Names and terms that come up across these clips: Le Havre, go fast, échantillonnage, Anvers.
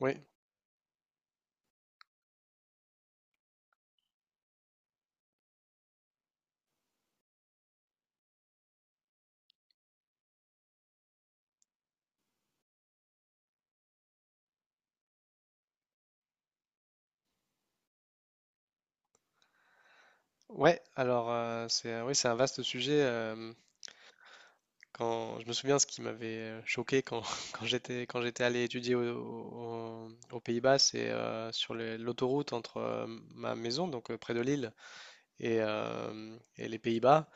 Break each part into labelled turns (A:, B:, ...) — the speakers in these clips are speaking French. A: Oui, ouais, alors, c'est oui, c'est un vaste sujet. Je me souviens ce qui m'avait choqué quand j'étais allé étudier aux Pays-Bas, c'est sur l'autoroute entre ma maison, donc près de Lille, et les Pays-Bas.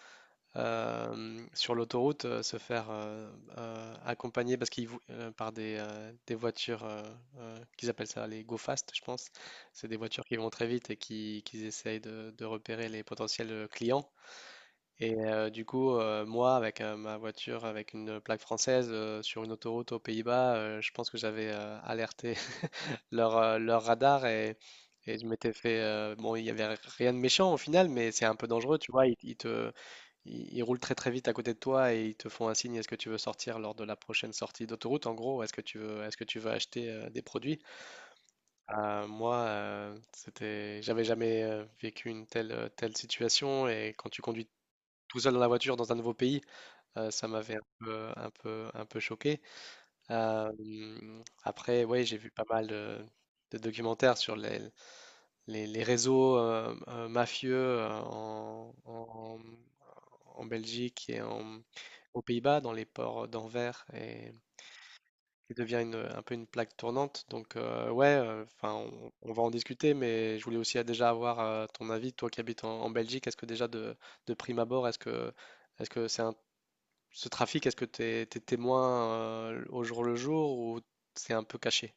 A: Sur l'autoroute, se faire accompagner parce qu'ils par des voitures qu'ils appellent ça les go fast, je pense. C'est des voitures qui vont très vite et qui essayent de repérer les potentiels clients. Et du coup, moi, avec ma voiture, avec une plaque française, sur une autoroute aux Pays-Bas, je pense que j'avais alerté leur radar et je m'étais fait... bon, il n'y avait rien de méchant au final, mais c'est un peu dangereux, tu vois. Ils ils roulent très très vite à côté de toi et ils te font un signe, est-ce que tu veux sortir lors de la prochaine sortie d'autoroute, en gros, est-ce que tu veux acheter des produits? Moi, c'était, j'avais jamais vécu une telle situation et quand tu conduis tout seul dans la voiture dans un nouveau pays. Ça m'avait un peu un peu choqué. Après, ouais, j'ai vu pas mal de documentaires sur les les réseaux, mafieux, heu, en en en Belgique et en aux Pays-Bas, dans les ports d'Anvers et qui devient un peu une plaque tournante donc ouais, enfin, on va en discuter mais je voulais aussi, déjà avoir, ton avis, toi qui habites en Belgique. Est-ce que déjà de prime abord, est-ce que c'est un ce trafic, t'es témoin au jour le jour ou c'est un peu caché?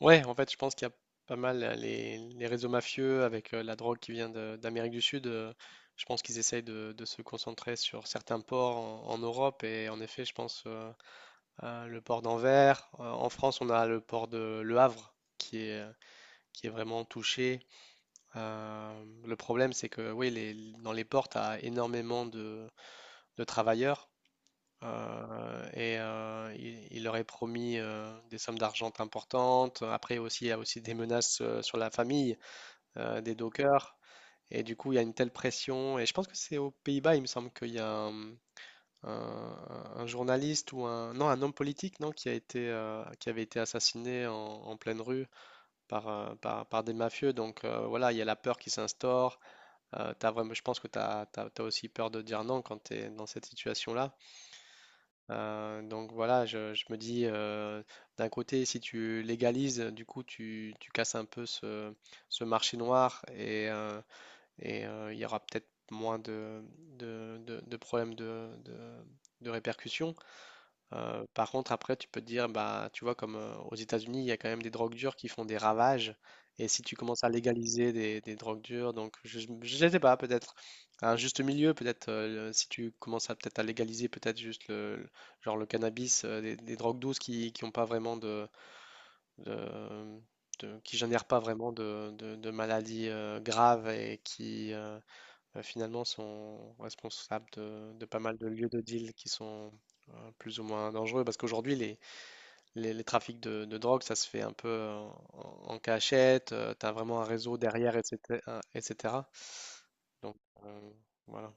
A: Ouais, en fait, je pense qu'il y a pas mal les réseaux mafieux avec la drogue qui vient d'Amérique du Sud. Je pense qu'ils essayent de se concentrer sur certains ports en Europe et en effet, je pense à le port d'Anvers. En France, on a le port de Le Havre qui est vraiment touché. Le problème, c'est que oui, dans les ports, tu as énormément de travailleurs. Il leur est promis des sommes d'argent importantes. Après aussi, il y a aussi des menaces sur la famille des dockers. Et du coup, il y a une telle pression. Et je pense que c'est aux Pays-Bas, il me semble qu'il y a un- un journaliste ou non, un homme politique non, qui a été, qui avait été assassiné en pleine rue par par des mafieux. Donc voilà, il y a la peur qui s'instaure. T'as vraiment, je pense que tu as aussi peur de dire non quand tu es dans cette situation-là. Donc voilà, je me dis, d'un côté, si tu légalises, du coup, tu casses un peu ce marché noir, il y aura peut-être moins de problèmes de répercussions. Par contre, après, tu peux te dire, bah, tu vois, comme aux États-Unis, il y a quand même des drogues dures qui font des ravages. Et si tu commences à légaliser des drogues dures, donc je ne sais pas, peut-être un juste milieu, peut-être si tu commences à peut-être à légaliser peut-être juste genre le cannabis, des drogues douces qui ont pas vraiment de- qui génèrent pas vraiment de maladies graves et qui finalement sont responsables de pas mal de lieux de deal qui sont plus ou moins dangereux parce qu'aujourd'hui les trafics de drogue, ça se fait un peu en cachette, tu as vraiment un réseau derrière etc. etc. Donc euh, voilà,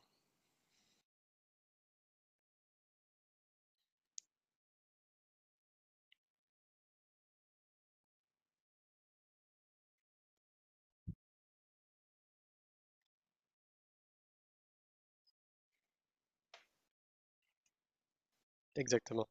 A: exactement.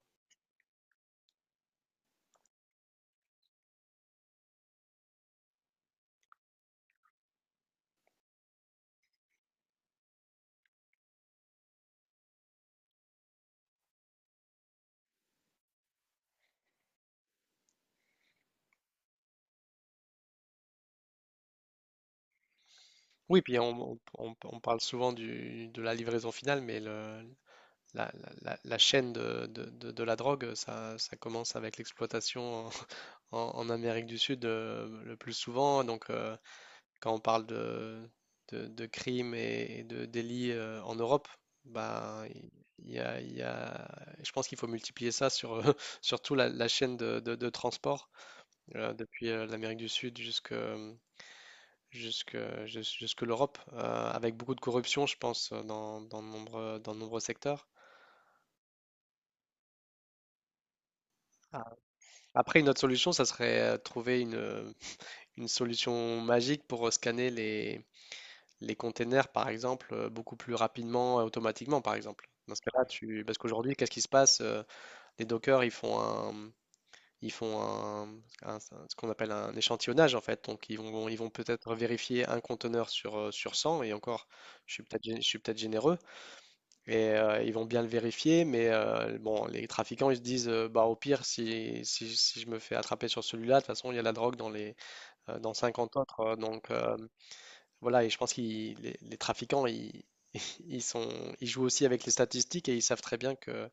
A: Oui, puis on parle souvent de la livraison finale, mais le, la- la- la chaîne de la drogue, ça commence avec l'exploitation en Amérique du Sud le plus souvent. Donc, quand on parle de crimes et de délits en Europe, ben, y a, il y a- je pense qu'il faut multiplier ça sur surtout la chaîne de transport, depuis l'Amérique du Sud jusque, jusque l'Europe, avec beaucoup de corruption, je pense, dans de nombreux secteurs. Ah. Après, une autre solution, ça serait trouver une solution magique pour scanner les containers, par exemple, beaucoup plus rapidement, automatiquement, par exemple. Dans ce cas-là, tu... parce qu'aujourd'hui, qu'est-ce qui se passe? Les Docker, ils font ce qu'on appelle un échantillonnage, en fait. Donc, ils vont peut-être vérifier un conteneur sur, sur 100, et encore, je suis peut-être, je suis peut-être généreux, et ils vont bien le vérifier, mais bon, les trafiquants, ils se disent, bah, au pire, si je me fais attraper sur celui-là, de toute façon, il y a la drogue dans dans cinquante autres, donc... voilà, et je pense que les trafiquants, ils sont, ils jouent aussi avec les statistiques et ils savent très bien que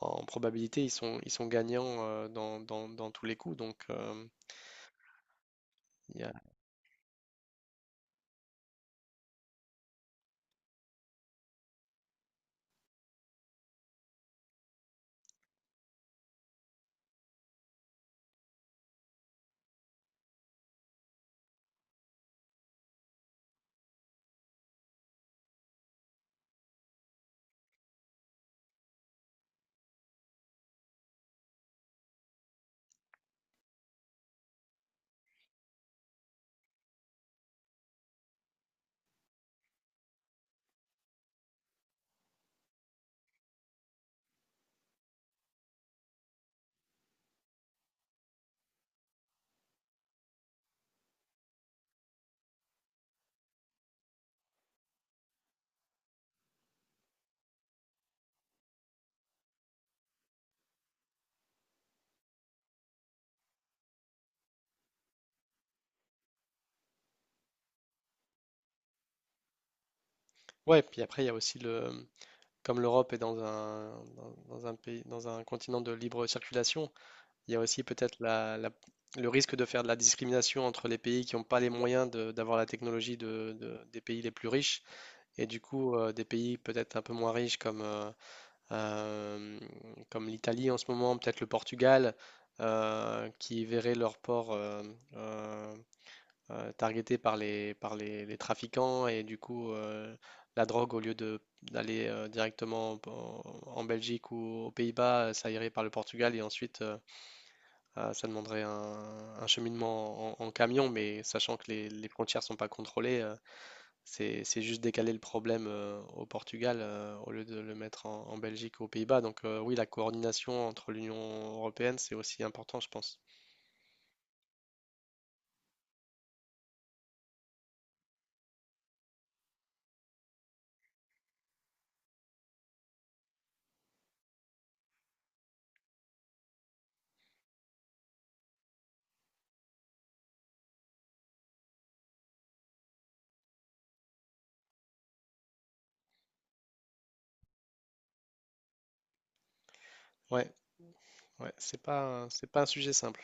A: en probabilité, ils sont gagnants dans tous les coups. Donc, il y a... ouais, puis après, il y a aussi comme l'Europe est dans dans un pays, dans un continent de libre circulation, il y a aussi peut-être le risque de faire de la discrimination entre les pays qui n'ont pas les moyens d'avoir la technologie des pays les plus riches et du coup, des pays peut-être un peu moins riches euh, comme l'Italie en ce moment, peut-être le Portugal, qui verraient leur port euh, targeté par les trafiquants et du coup la drogue, au lieu de d'aller directement en Belgique ou aux Pays-Bas, ça irait par le Portugal et ensuite ça demanderait un cheminement en camion, mais sachant que les frontières sont pas contrôlées, c'est juste décaler le problème au Portugal au lieu de le mettre en Belgique ou aux Pays-Bas. Donc oui, la coordination entre l'Union européenne, c'est aussi important, je pense. Ouais, c'est pas un sujet simple.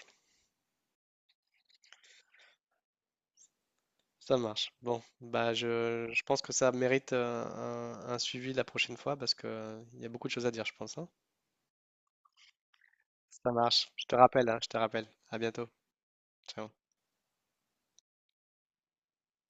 A: Ça marche. Bon, bah je pense que ça mérite un suivi la prochaine fois parce que il y a beaucoup de choses à dire, je pense, hein. Ça marche. Je te rappelle, hein, je te rappelle. À bientôt. Ciao.